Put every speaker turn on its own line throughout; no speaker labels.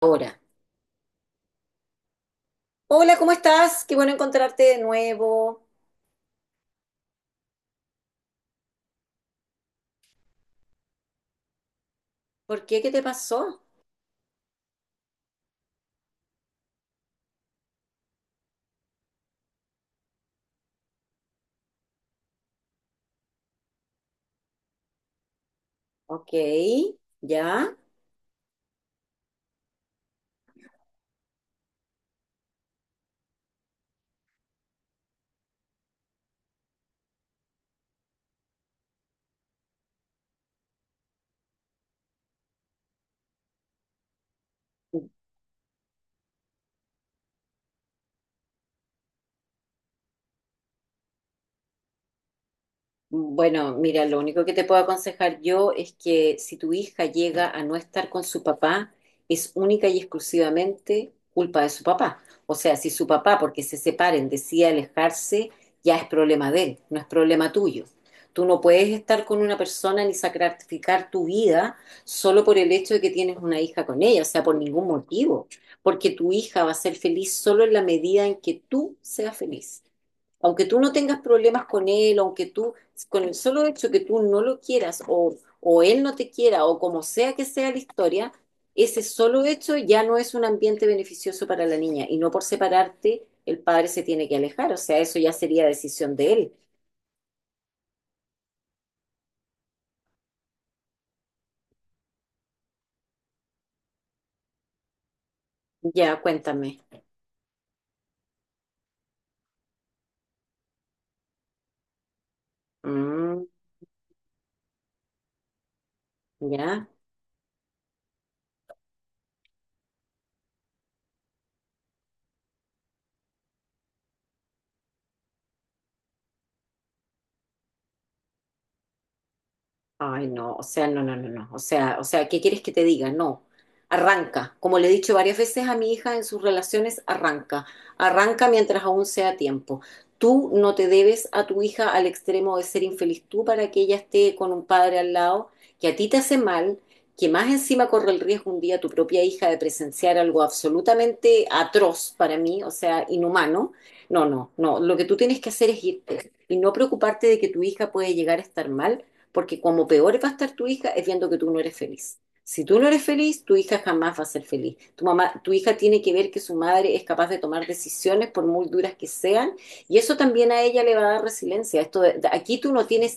Ahora. Hola, ¿cómo estás? Qué bueno encontrarte de nuevo. ¿Por qué? ¿Qué te pasó? Ok, ya. Bueno, mira, lo único que te puedo aconsejar yo es que si tu hija llega a no estar con su papá, es única y exclusivamente culpa de su papá. O sea, si su papá, porque se separen, decide alejarse, ya es problema de él, no es problema tuyo. Tú no puedes estar con una persona ni sacrificar tu vida solo por el hecho de que tienes una hija con ella, o sea, por ningún motivo, porque tu hija va a ser feliz solo en la medida en que tú seas feliz. Aunque tú no tengas problemas con él, aunque tú, con el solo hecho que tú no lo quieras o él no te quiera o como sea que sea la historia, ese solo hecho ya no es un ambiente beneficioso para la niña y no por separarte el padre se tiene que alejar, o sea, eso ya sería decisión de él. Ya, cuéntame. Mm, ya. Ay, no, o sea, no, no, no, no. O sea, ¿qué quieres que te diga? No. Arranca. Como le he dicho varias veces a mi hija en sus relaciones, arranca. Arranca mientras aún sea tiempo. Tú no te debes a tu hija al extremo de ser infeliz tú para que ella esté con un padre al lado que a ti te hace mal, que más encima corre el riesgo un día tu propia hija de presenciar algo absolutamente atroz para mí, o sea, inhumano. No, no, no. Lo que tú tienes que hacer es irte y no preocuparte de que tu hija puede llegar a estar mal porque como peor va a estar tu hija es viendo que tú no eres feliz. Si tú no eres feliz, tu hija jamás va a ser feliz. Tu mamá, tu hija tiene que ver que su madre es capaz de tomar decisiones por muy duras que sean, y eso también a ella le va a dar resiliencia. Aquí tú no tienes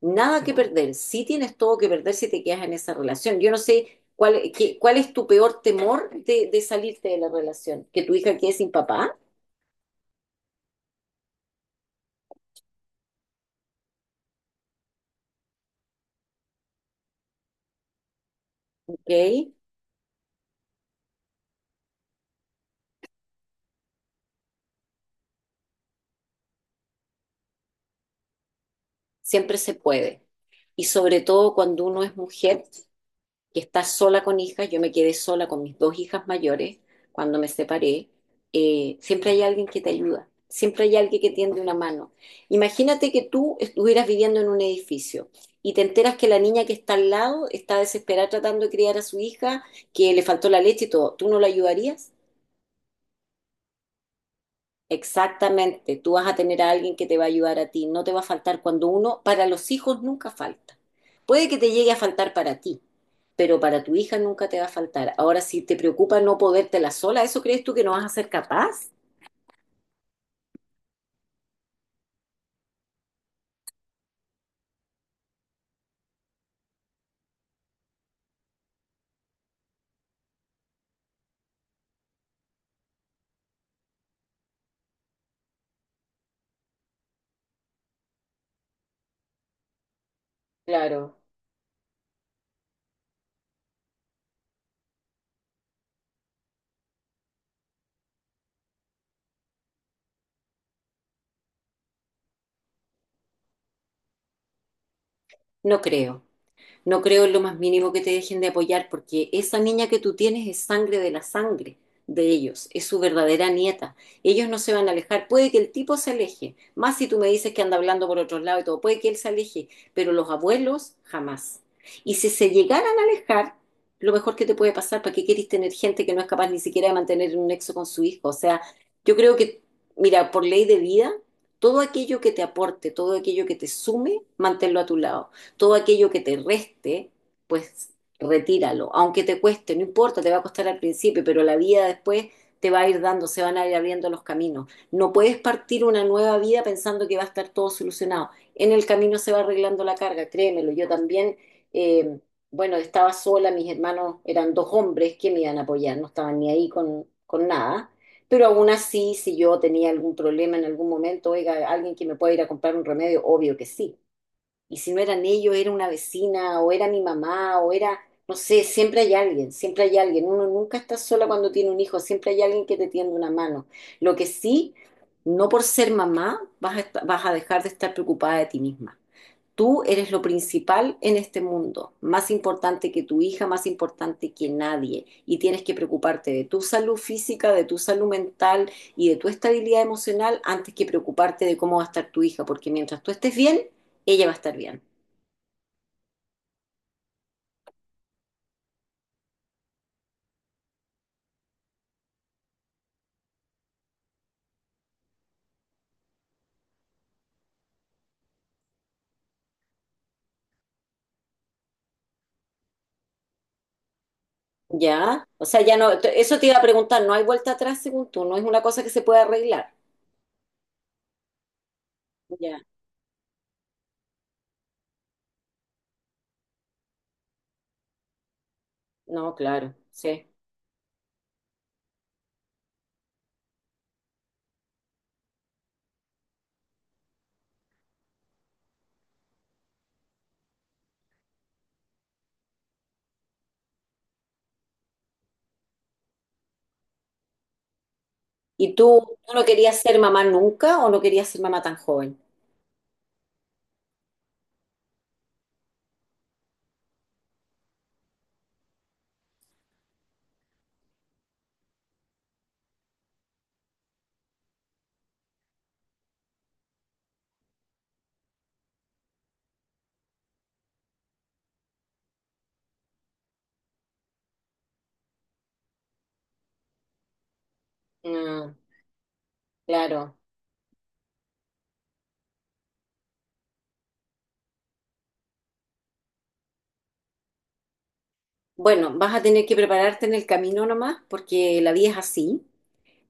nada que perder, sí tienes todo que perder si te quedas en esa relación. Yo no sé cuál, cuál es tu peor temor de salirte de la relación, que tu hija quede sin papá, ¿ok? Siempre se puede. Y sobre todo cuando uno es mujer. Que está sola con hijas, yo me quedé sola con mis dos hijas mayores cuando me separé, siempre hay alguien que te ayuda, siempre hay alguien que tiende una mano. Imagínate que tú estuvieras viviendo en un edificio y te enteras que la niña que está al lado está desesperada tratando de criar a su hija, que le faltó la leche y todo, ¿tú no la ayudarías? Exactamente, tú vas a tener a alguien que te va a ayudar a ti, no te va a faltar cuando uno, para los hijos nunca falta. Puede que te llegue a faltar para ti, pero para tu hija nunca te va a faltar. Ahora, si te preocupa no podértela sola, ¿eso crees tú que no vas a ser capaz? Claro. No creo. No creo en lo más mínimo que te dejen de apoyar, porque esa niña que tú tienes es sangre de la sangre de ellos, es su verdadera nieta. Ellos no se van a alejar, puede que el tipo se aleje, más si tú me dices que anda hablando por otros lados y todo, puede que él se aleje, pero los abuelos jamás. Y si se llegaran a alejar, lo mejor que te puede pasar, ¿para qué querés tener gente que no es capaz ni siquiera de mantener un nexo con su hijo? O sea, yo creo que, mira, por ley de vida, todo aquello que te aporte, todo aquello que te sume, manténlo a tu lado. Todo aquello que te reste, pues retíralo. Aunque te cueste, no importa, te va a costar al principio, pero la vida después te va a ir dando, se van a ir abriendo los caminos. No puedes partir una nueva vida pensando que va a estar todo solucionado. En el camino se va arreglando la carga, créemelo. Yo también, eh, bueno, estaba sola, mis hermanos eran dos hombres que me iban a apoyar, no estaban ni ahí con nada. Pero aún así, si yo tenía algún problema en algún momento, oiga, alguien que me pueda ir a comprar un remedio, obvio que sí. Y si no eran ellos, era una vecina, o era mi mamá, o era, no sé, siempre hay alguien, siempre hay alguien. Uno nunca está sola cuando tiene un hijo, siempre hay alguien que te tiende una mano. Lo que sí, no por ser mamá vas a, vas a dejar de estar preocupada de ti misma. Tú eres lo principal en este mundo, más importante que tu hija, más importante que nadie. Y tienes que preocuparte de tu salud física, de tu salud mental y de tu estabilidad emocional antes que preocuparte de cómo va a estar tu hija, porque mientras tú estés bien, ella va a estar bien. Ya, o sea, ya no, eso te iba a preguntar, no hay vuelta atrás según tú, no es una cosa que se pueda arreglar. Ya, no, claro, sí. ¿Y tú no querías ser mamá nunca o no querías ser mamá tan joven? Mm, claro. Bueno, vas a tener que prepararte en el camino nomás porque la vida es así.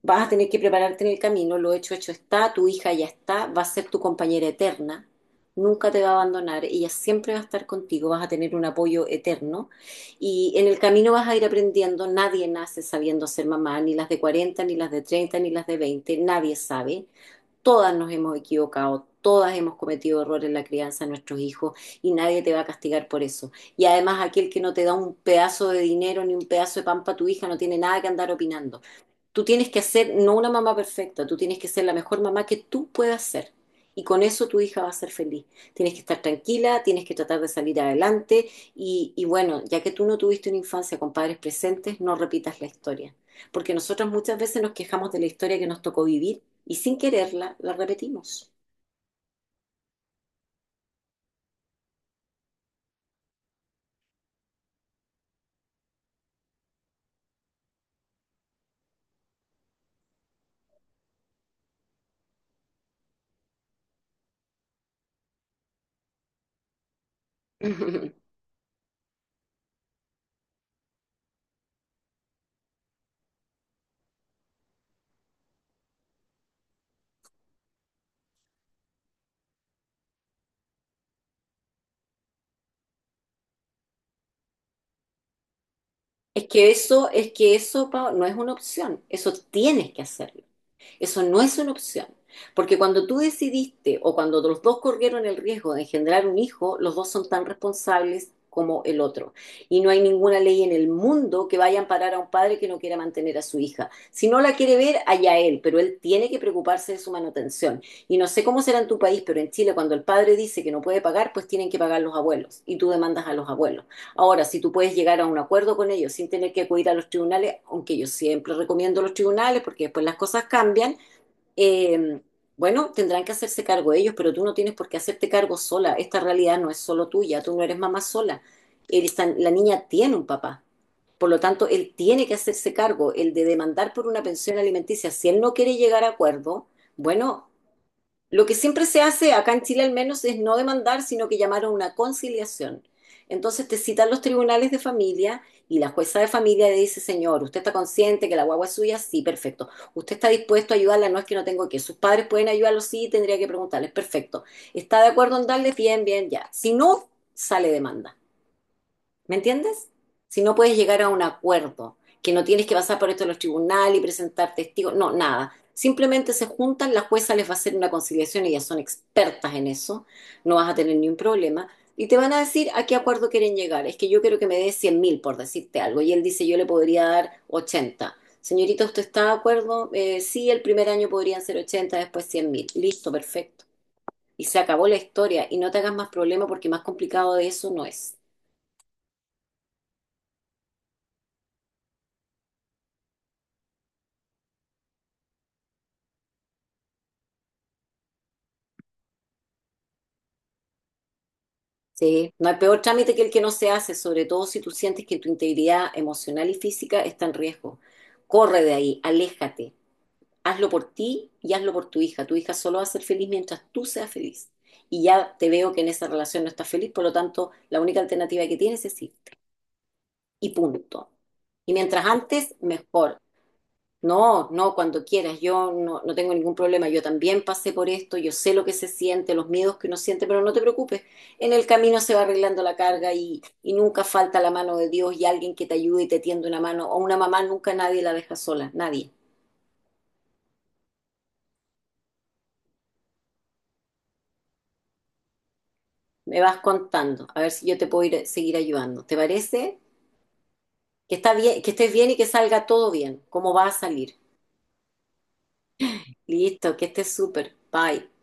Vas a tener que prepararte en el camino, lo hecho, hecho está, tu hija ya está, va a ser tu compañera eterna, nunca te va a abandonar, ella siempre va a estar contigo, vas a tener un apoyo eterno y en el camino vas a ir aprendiendo, nadie nace sabiendo ser mamá, ni las de 40, ni las de 30, ni las de 20. Nadie sabe, todas nos hemos equivocado. Todas hemos cometido errores en la crianza de nuestros hijos y nadie te va a castigar por eso. Y además aquel que no te da un pedazo de dinero ni un pedazo de pan para tu hija no tiene nada que andar opinando. Tú tienes que hacer, no una mamá perfecta, tú tienes que ser la mejor mamá que tú puedas ser. Y con eso tu hija va a ser feliz. Tienes que estar tranquila, tienes que tratar de salir adelante. Y bueno, ya que tú no tuviste una infancia con padres presentes, no repitas la historia. Porque nosotros muchas veces nos quejamos de la historia que nos tocó vivir y sin quererla la repetimos. Es que eso, Pao, no es una opción, eso tienes que hacerlo. Eso no es una opción. Porque cuando tú decidiste o cuando los dos corrieron el riesgo de engendrar un hijo, los dos son tan responsables como el otro. Y no hay ninguna ley en el mundo que vaya a amparar a un padre que no quiera mantener a su hija. Si no la quiere ver, allá él, pero él tiene que preocuparse de su manutención. Y no sé cómo será en tu país, pero en Chile cuando el padre dice que no puede pagar, pues tienen que pagar los abuelos y tú demandas a los abuelos. Ahora, si tú puedes llegar a un acuerdo con ellos sin tener que acudir a los tribunales, aunque yo siempre recomiendo los tribunales porque después las cosas cambian, eh, bueno, tendrán que hacerse cargo ellos, pero tú no tienes por qué hacerte cargo sola. Esta realidad no es solo tuya, tú no eres mamá sola. La niña tiene un papá. Por lo tanto, él tiene que hacerse cargo, el de demandar por una pensión alimenticia. Si él no quiere llegar a acuerdo, bueno, lo que siempre se hace, acá en Chile al menos, es no demandar, sino que llamar a una conciliación. Entonces te citan los tribunales de familia y la jueza de familia le dice, señor, ¿usted está consciente que la guagua es suya? Sí, perfecto. ¿Usted está dispuesto a ayudarla? No es que no tengo que. Sus padres pueden ayudarlo, sí, tendría que preguntarles. Perfecto. ¿Está de acuerdo en darles? Bien, bien, ya. Si no, sale demanda. ¿Me entiendes? Si no puedes llegar a un acuerdo, que no tienes que pasar por esto de los tribunales y presentar testigos, no, nada. Simplemente se juntan, la jueza les va a hacer una conciliación, ellas son expertas en eso, no vas a tener ni un problema, y te van a decir a qué acuerdo quieren llegar. Es que yo quiero que me dé 100.000, por decirte algo, y él dice, yo le podría dar 80. Señorita, ¿usted está de acuerdo? Sí, el primer año podrían ser 80, después 100.000. Listo, perfecto. Y se acabó la historia, y no te hagas más problema porque más complicado de eso no es. Sí, no hay peor trámite que el que no se hace, sobre todo si tú sientes que tu integridad emocional y física está en riesgo. Corre de ahí, aléjate, hazlo por ti y hazlo por tu hija. Tu hija solo va a ser feliz mientras tú seas feliz. Y ya te veo que en esa relación no estás feliz, por lo tanto, la única alternativa que tienes es irte. Y punto. Y mientras antes, mejor. No, no, cuando quieras, yo no, no tengo ningún problema, yo también pasé por esto, yo sé lo que se siente, los miedos que uno siente, pero no te preocupes, en el camino se va arreglando la carga y nunca falta la mano de Dios y alguien que te ayude y te tiende una mano, o una mamá nunca nadie la deja sola, nadie. Me vas contando, a ver si yo te puedo ir, seguir ayudando. ¿Te parece? Que está bien, que estés bien y que salga todo bien, como va a salir. Listo, que estés súper, bye.